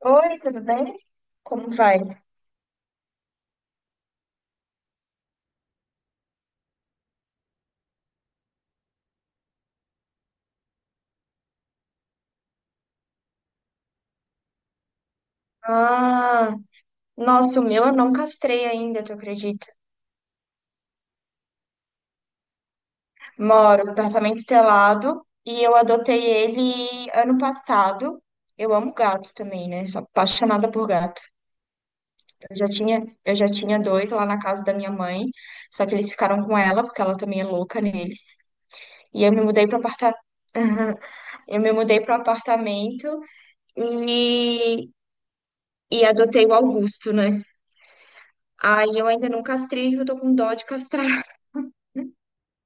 Oi, tudo bem? Como vai? Ah, nossa, o meu eu não castrei ainda, tu acredita? Moro no apartamento telado e eu adotei ele ano passado. Eu amo gato também, né? Sou apaixonada por gato. Eu já tinha dois lá na casa da minha mãe, só que eles ficaram com ela porque ela também é louca neles. E eu me mudei para aparta... eu me mudei para o apartamento e e adotei o Augusto, né? Aí eu ainda não castrei, eu tô com dó de castrar.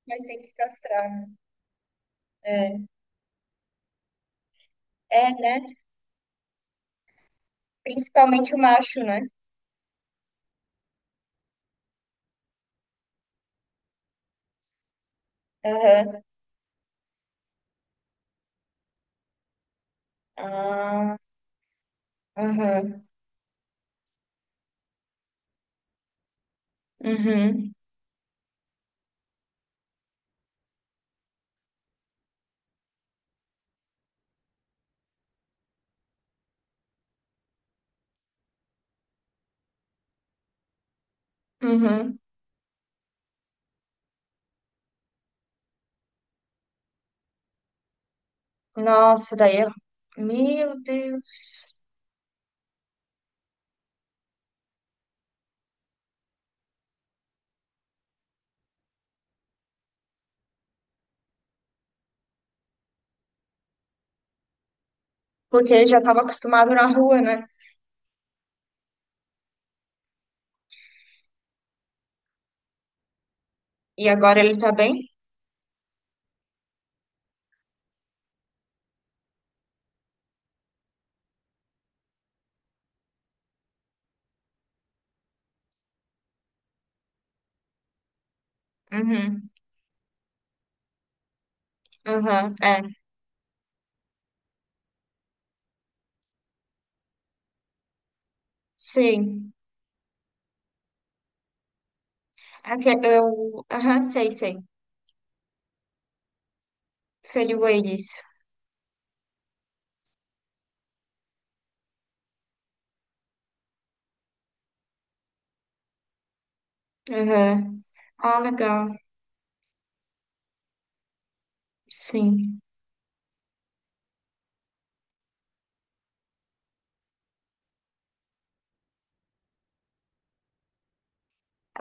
Mas tem que castrar, né? É, né? Principalmente o macho, né? Aham. Ah, aham. Uhum. Uhum. Nossa, daí eu... Meu Deus. Porque ele já estava acostumado na rua, né? E agora ele tá bem? Uhum. Aham. É. Sim. É que eu... Aham, sei, sei. Feliu eles. Aham. Ah, legal. Sim.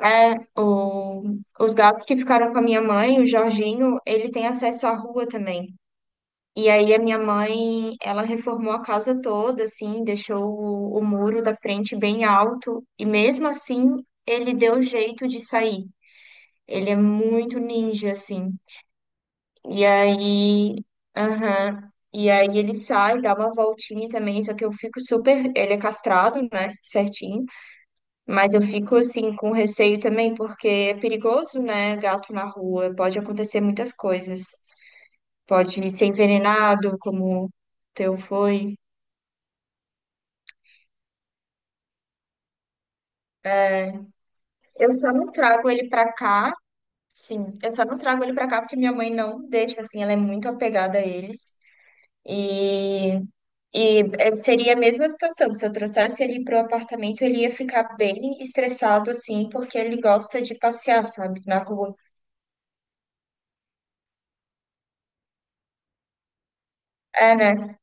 É, o... os gatos que ficaram com a minha mãe, o Jorginho, ele tem acesso à rua também. E aí a minha mãe, ela reformou a casa toda, assim, deixou o muro da frente bem alto e mesmo assim ele deu jeito de sair. Ele é muito ninja, assim. E aí, aham. E aí ele sai, dá uma voltinha também, só que eu fico super, ele é castrado, né, certinho, mas eu fico assim com receio também porque é perigoso, né, gato na rua, pode acontecer muitas coisas. Pode ser envenenado, como o teu foi. Eu só não trago ele pra cá, sim. Eu só não trago ele pra cá porque minha mãe não deixa, assim, ela é muito apegada a eles. E, seria a mesma situação. Se eu trouxesse ele pro apartamento, ele ia ficar bem estressado, assim, porque ele gosta de passear, sabe, na rua. É, né?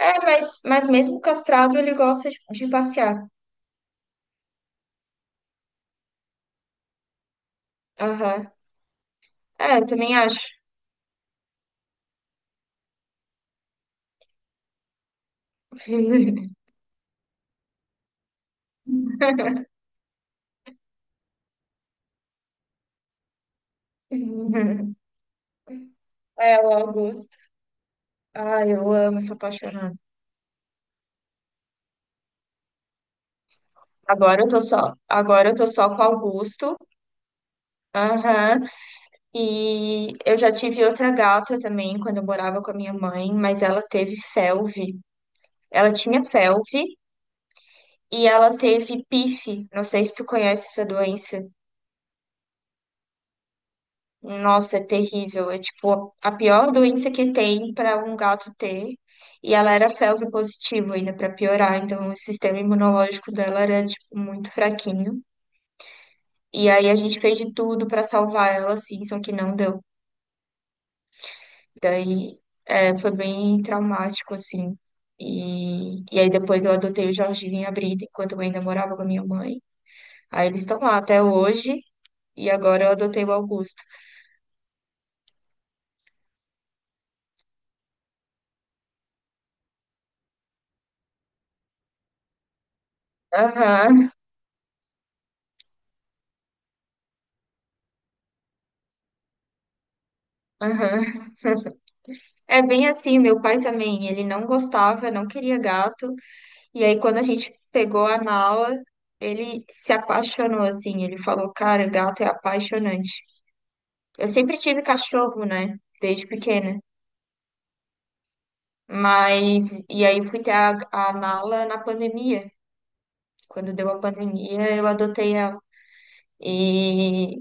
É, mas mesmo castrado, ele gosta de passear. Aham. É, eu também acho. É, o Augusto. Ai, eu amo, sou apaixonada. Agora eu tô só com o Augusto. Aham. E eu já tive outra gata também quando eu morava com a minha mãe, mas ela teve felve. Ela tinha felve e ela teve pife. Não sei se tu conhece essa doença. Nossa, é terrível. É tipo a pior doença que tem para um gato ter. E ela era felve positivo ainda para piorar, então o sistema imunológico dela era tipo, muito fraquinho. E aí a gente fez de tudo para salvar ela, assim, só que não deu. Daí é, foi bem traumático, assim. E aí depois eu adotei o Jorginho e a Brita enquanto eu ainda morava com a minha mãe. Aí eles estão lá até hoje. E agora eu adotei o Augusto. Aham, aham. É bem assim, meu pai também. Ele não gostava, não queria gato. E aí quando a gente pegou a Nala, ele se apaixonou, assim. Ele falou, cara, gato é apaixonante. Eu sempre tive cachorro, né? Desde pequena. Mas, e aí eu fui ter a Nala na pandemia. Quando deu a pandemia, eu adotei ela. E,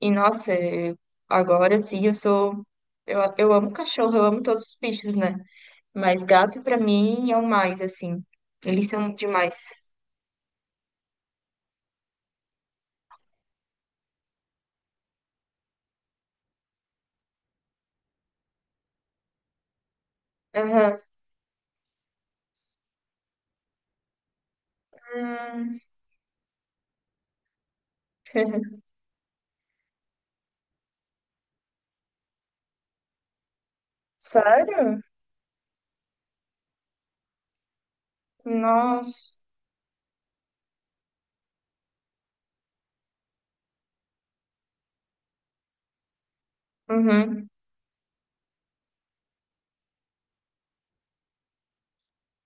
e nossa, eu- agora sim eu sou. Eu amo cachorro, eu amo todos os bichos, né? Mas gato pra mim é o mais, assim. Eles são demais. Aham. Hum. Sério? Nossa. Uhum.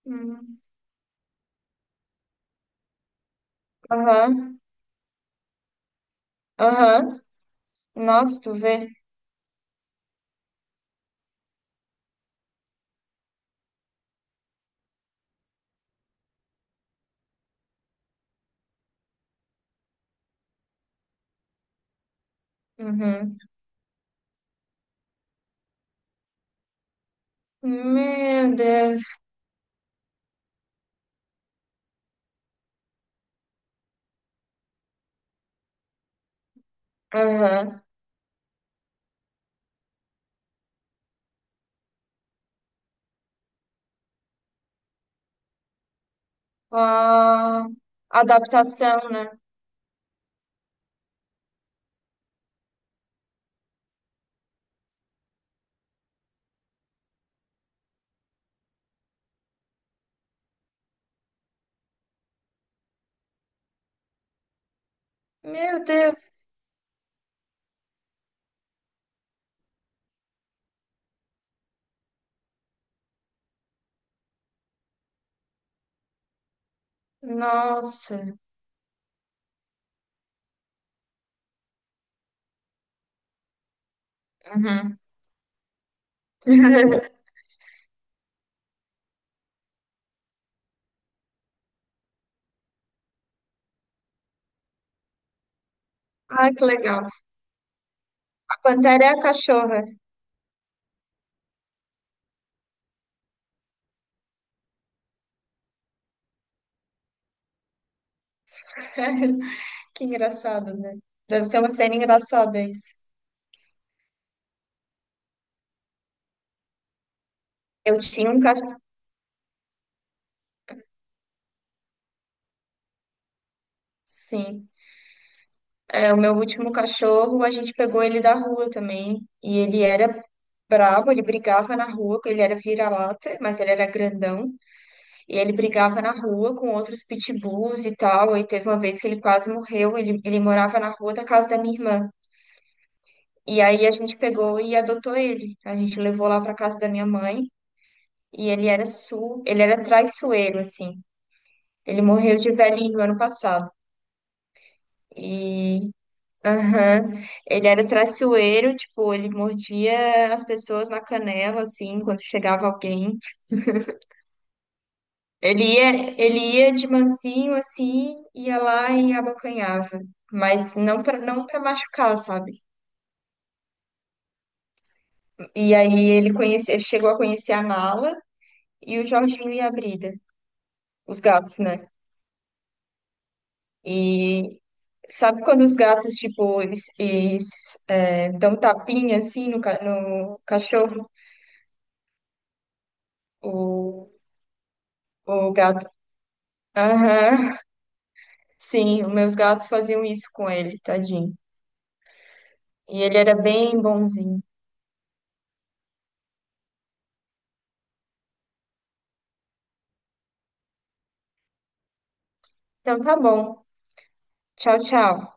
Hum. Aham. Aham. Nossa, tu vê? Uhum. Meu Deus. Aham. A adaptação, né? Meu Deus, nossa. Uhum. Ai, que legal. A Pantera é a cachorra. Que engraçado, né? Deve ser uma cena engraçada isso. Eu tinha um cachorro. Sim. É, o meu último cachorro, a gente pegou ele da rua também. E ele era bravo, ele brigava na rua, ele era vira-lata, mas ele era grandão. E ele brigava na rua com outros pitbulls e tal. E teve uma vez que ele quase morreu. Ele morava na rua da casa da minha irmã. E aí a gente pegou e adotou ele. A gente levou lá para casa da minha mãe. E ele era su, ele era traiçoeiro, assim. Ele morreu de velhinho ano passado. E aham, ele era traiçoeiro, tipo, ele mordia as pessoas na canela, assim, quando chegava alguém. Ele ia, ele ia de mansinho assim, ia lá e abocanhava, mas não para machucar, sabe? E aí ele conhece, chegou a conhecer a Nala e o Jorginho e a Brida, os gatos, né? E sabe quando os gatos tipo eles, dão um tapinha assim no, ca- no cachorro, o, o gato. Aham. Sim, os meus gatos faziam isso com ele, tadinho. E ele era bem bonzinho. Então tá bom. Tchau, tchau.